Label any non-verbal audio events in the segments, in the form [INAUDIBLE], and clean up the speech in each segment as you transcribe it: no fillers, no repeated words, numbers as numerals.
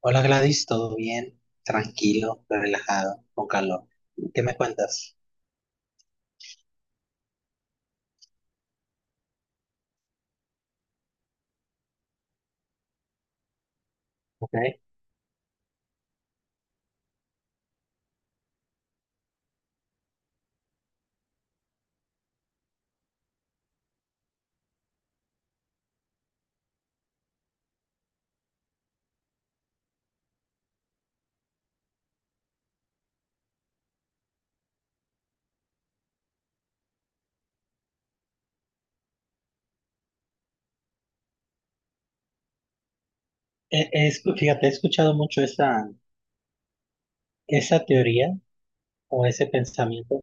Hola Gladys, ¿todo bien? Tranquilo, relajado, con calor. ¿Qué me cuentas? Ok. Fíjate, he escuchado mucho esa teoría o ese pensamiento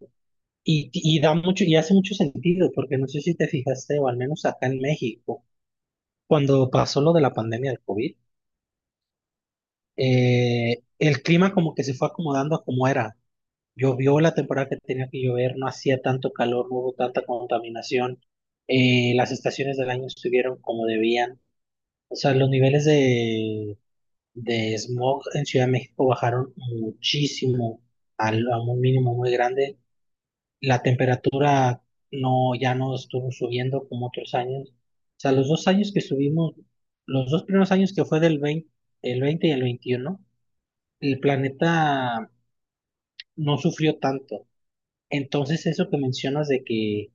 y da mucho, y hace mucho sentido, porque no sé si te fijaste, o al menos acá en México, cuando pasó lo de la pandemia del COVID, el clima como que se fue acomodando a como era. Llovió la temporada que tenía que llover, no hacía tanto calor, no hubo tanta contaminación, las estaciones del año estuvieron como debían. O sea, los niveles de smog en Ciudad de México bajaron muchísimo, a un mínimo muy grande. La temperatura no, ya no estuvo subiendo como otros años. O sea, los dos años que subimos, los dos primeros años que fue del 20 el 20 y el 21, el planeta no sufrió tanto. Entonces, eso que mencionas de que.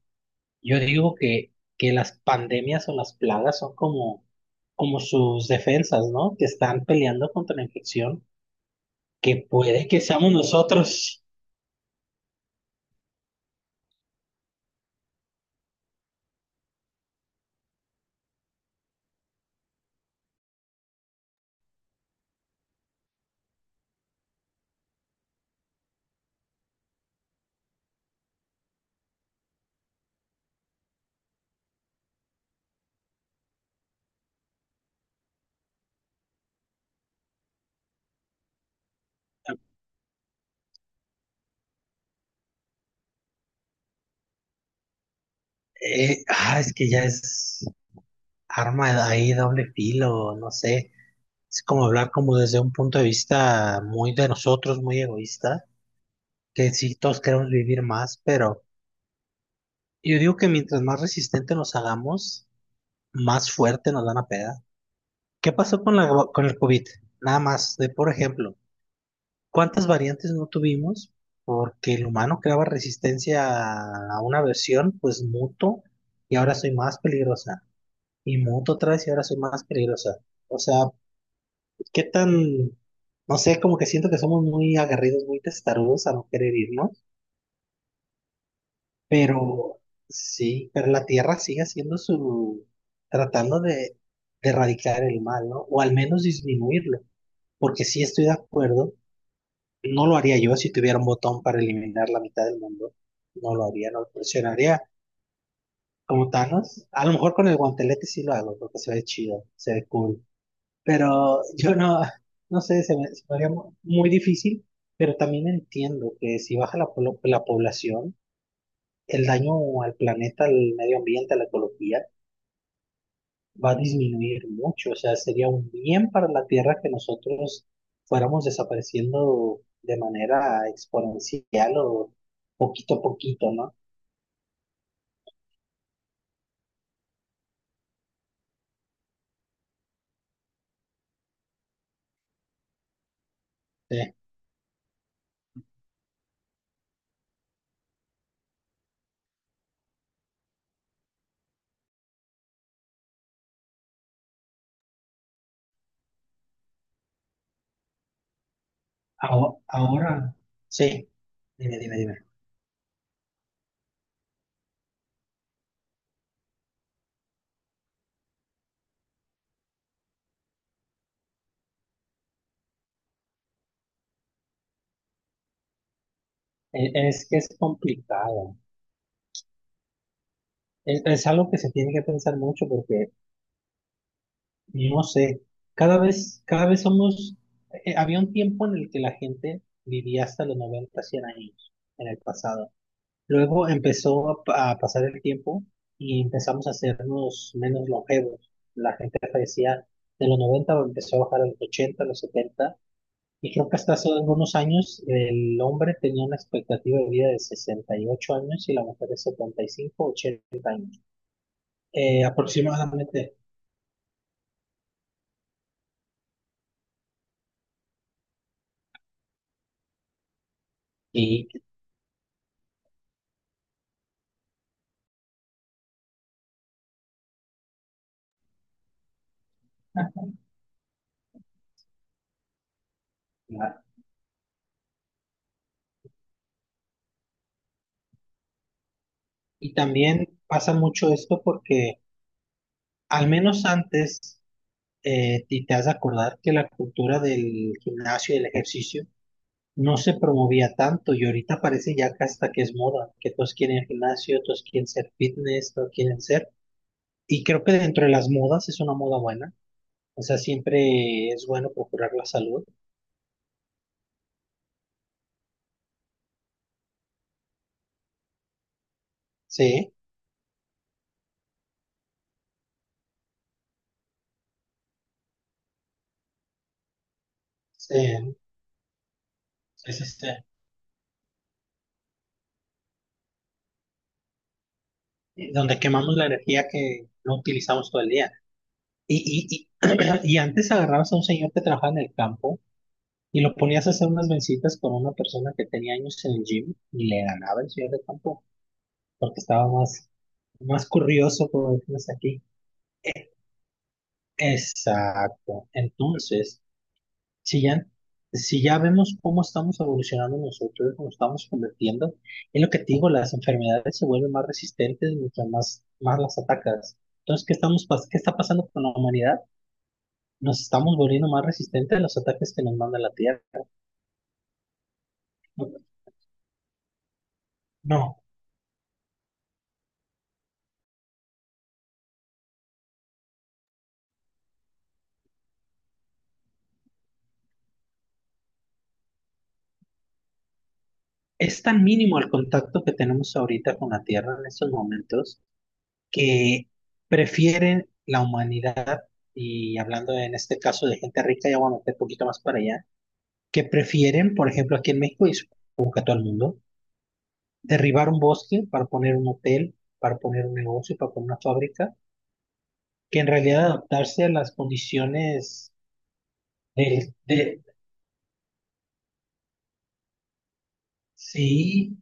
Yo digo que las pandemias o las plagas son como sus defensas, ¿no? Que están peleando contra la infección, que puede que seamos nosotros. Es que ya es arma de ahí, doble filo, no sé. Es como hablar como desde un punto de vista muy de nosotros, muy egoísta, que sí, todos queremos vivir más, pero yo digo que mientras más resistente nos hagamos, más fuerte nos dan a peda. ¿Qué pasó con con el COVID? Nada más, de por ejemplo. ¿Cuántas variantes no tuvimos? Porque el humano creaba resistencia a una versión, pues muto, y ahora soy más peligrosa. Y muto otra vez y ahora soy más peligrosa. O sea, qué tan, no sé, como que siento que somos muy agarridos, muy testarudos a no querer irnos. Pero sí, pero la Tierra sigue haciendo su, tratando de erradicar el mal, ¿no? O al menos disminuirlo. Porque sí estoy de acuerdo. No lo haría yo si tuviera un botón para eliminar la mitad del mundo. No lo haría, no lo presionaría como Thanos. A lo mejor con el guantelete sí lo hago, porque se ve chido, se ve cool. Pero [LAUGHS] yo no, no sé, se me haría muy difícil, pero también entiendo que si baja la población, el daño al planeta, al medio ambiente, a la ecología, va a disminuir mucho, o sea, sería un bien para la Tierra que nosotros fuéramos desapareciendo de manera exponencial o poquito a poquito, ¿no? Sí. Ahora, sí, dime, dime, dime. Es que es complicado, es algo que se tiene que pensar mucho porque, no sé, cada vez somos, había un tiempo en el que la gente vivía hasta los 90 100 años en el pasado. Luego empezó a pasar el tiempo y empezamos a hacernos menos longevos. La gente fallecía de los 90 empezó a bajar a los 80 a los 70. Y creo que hasta hace algunos años el hombre tenía una expectativa de vida de 68 años y la mujer de 75, 80, aproximadamente. Y, y también pasa mucho esto porque al menos antes, y te has de acordar que la cultura del gimnasio y el ejercicio no se promovía tanto y ahorita parece ya que hasta que es moda, que todos quieren el gimnasio, todos quieren ser fitness, todos quieren ser. Y creo que dentro de las modas es una moda buena. O sea, siempre es bueno procurar la salud. Sí, sí, es este, donde quemamos la energía que no utilizamos todo el día. Y, [CLEARS THROAT] y antes agarrabas a un señor que trabajaba en el campo y lo ponías a hacer unas vencitas con una persona que tenía años en el gym y le ganaba el señor de campo porque estaba más curioso, como decimos aquí. E- Exacto. Entonces, si ya, si ya vemos cómo estamos evolucionando nosotros, cómo estamos convirtiendo, es lo que te digo, las enfermedades se vuelven más resistentes mientras más las atacas. Entonces, ¿qué estamos, qué está pasando con la humanidad? Nos estamos volviendo más resistentes a los ataques que nos manda la Tierra. No, no, es tan mínimo el contacto que tenemos ahorita con la Tierra en estos momentos que prefieren la humanidad, y hablando en este caso de gente rica, ya voy a meter un poquito más para allá, que prefieren, por ejemplo, aquí en México y supongo que todo el mundo, derribar un bosque para poner un hotel, para poner un negocio, para poner una fábrica, que en realidad adaptarse a las condiciones de... Sí,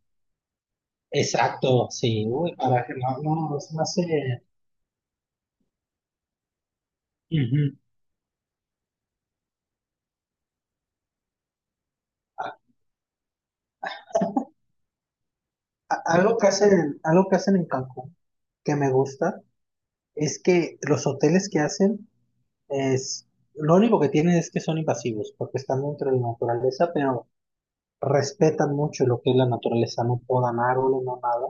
exacto, sí, uy, para que no, no, no se me hace. Ujú. A- algo que hacen en Cancún que me gusta. Es que los hoteles que hacen es, lo único que tienen es que son invasivos, porque están dentro de la naturaleza, pero respetan mucho lo que es la naturaleza, no podan árboles, no nada,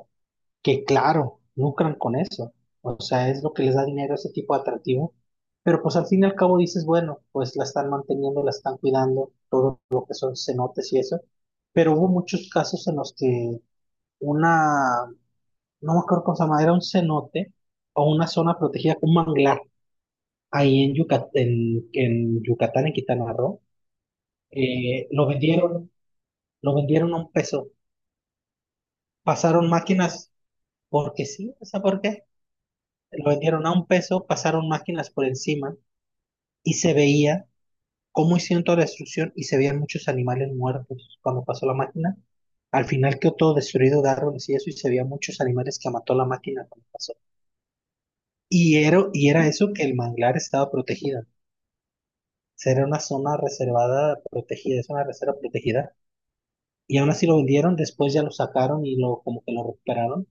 que claro, lucran con eso. O sea, es lo que les da dinero a ese tipo de atractivo. Pero pues al fin y al cabo dices, bueno, pues la están manteniendo, la están cuidando, todo lo que son cenotes y eso. Pero hubo muchos casos en los que una, no me acuerdo cómo se llama, era un cenote o una zona protegida, un manglar ahí en Yucatán, en Quintana Roo, eh, lo vendieron, lo vendieron a un peso. Pasaron máquinas, porque sí, no sé por qué. Lo vendieron a un peso, pasaron máquinas por encima y se veía cómo hicieron toda la destrucción y se veían muchos animales muertos cuando pasó la máquina. Al final quedó todo destruido de árboles y eso y se veía muchos animales que mató la máquina cuando pasó. Y era eso que el manglar estaba protegida. O sea, era una zona reservada protegida, es una reserva protegida y aún así lo vendieron, después ya lo sacaron y lo como que lo recuperaron.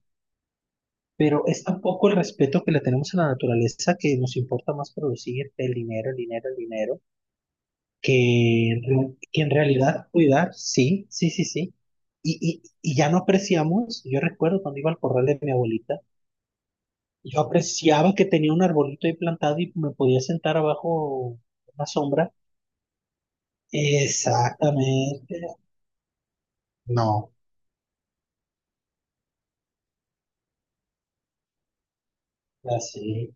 Pero es tampoco el respeto que le tenemos a la naturaleza que nos importa más producir el dinero, el dinero, el dinero, que, que en realidad cuidar, sí, sí, sí, sí. Ya no apreciamos, yo recuerdo cuando iba al corral de mi abuelita, yo apreciaba que tenía un arbolito ahí plantado y me podía sentar abajo una sombra. Exactamente. No, así.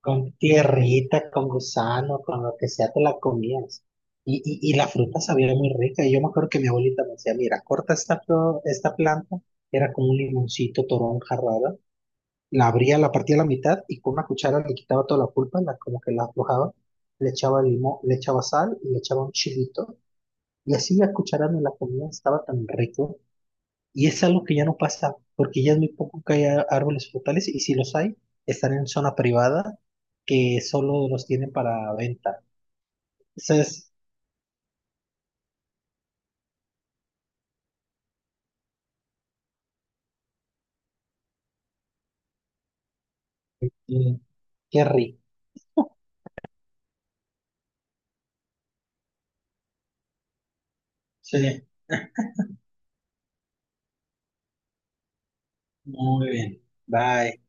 Con tierrita, con gusano, con lo que sea, te la comías. La fruta sabía muy rica. Y yo me acuerdo que mi abuelita me decía, mira, corta esta, esta planta. Era como un limoncito, toronja rara. La abría, la partía a la mitad y con una cuchara le quitaba toda la pulpa, la, como que la aflojaba. Le echaba limón, le echaba sal y le echaba un chilito. Y así la cuchara me la comía, estaba tan rico. Y es algo que ya no pasa, porque ya es muy poco que haya árboles frutales y si los hay, están en zona privada que solo los tienen para venta. Entonces, mm, qué rico. Sí, muy bien. Bye.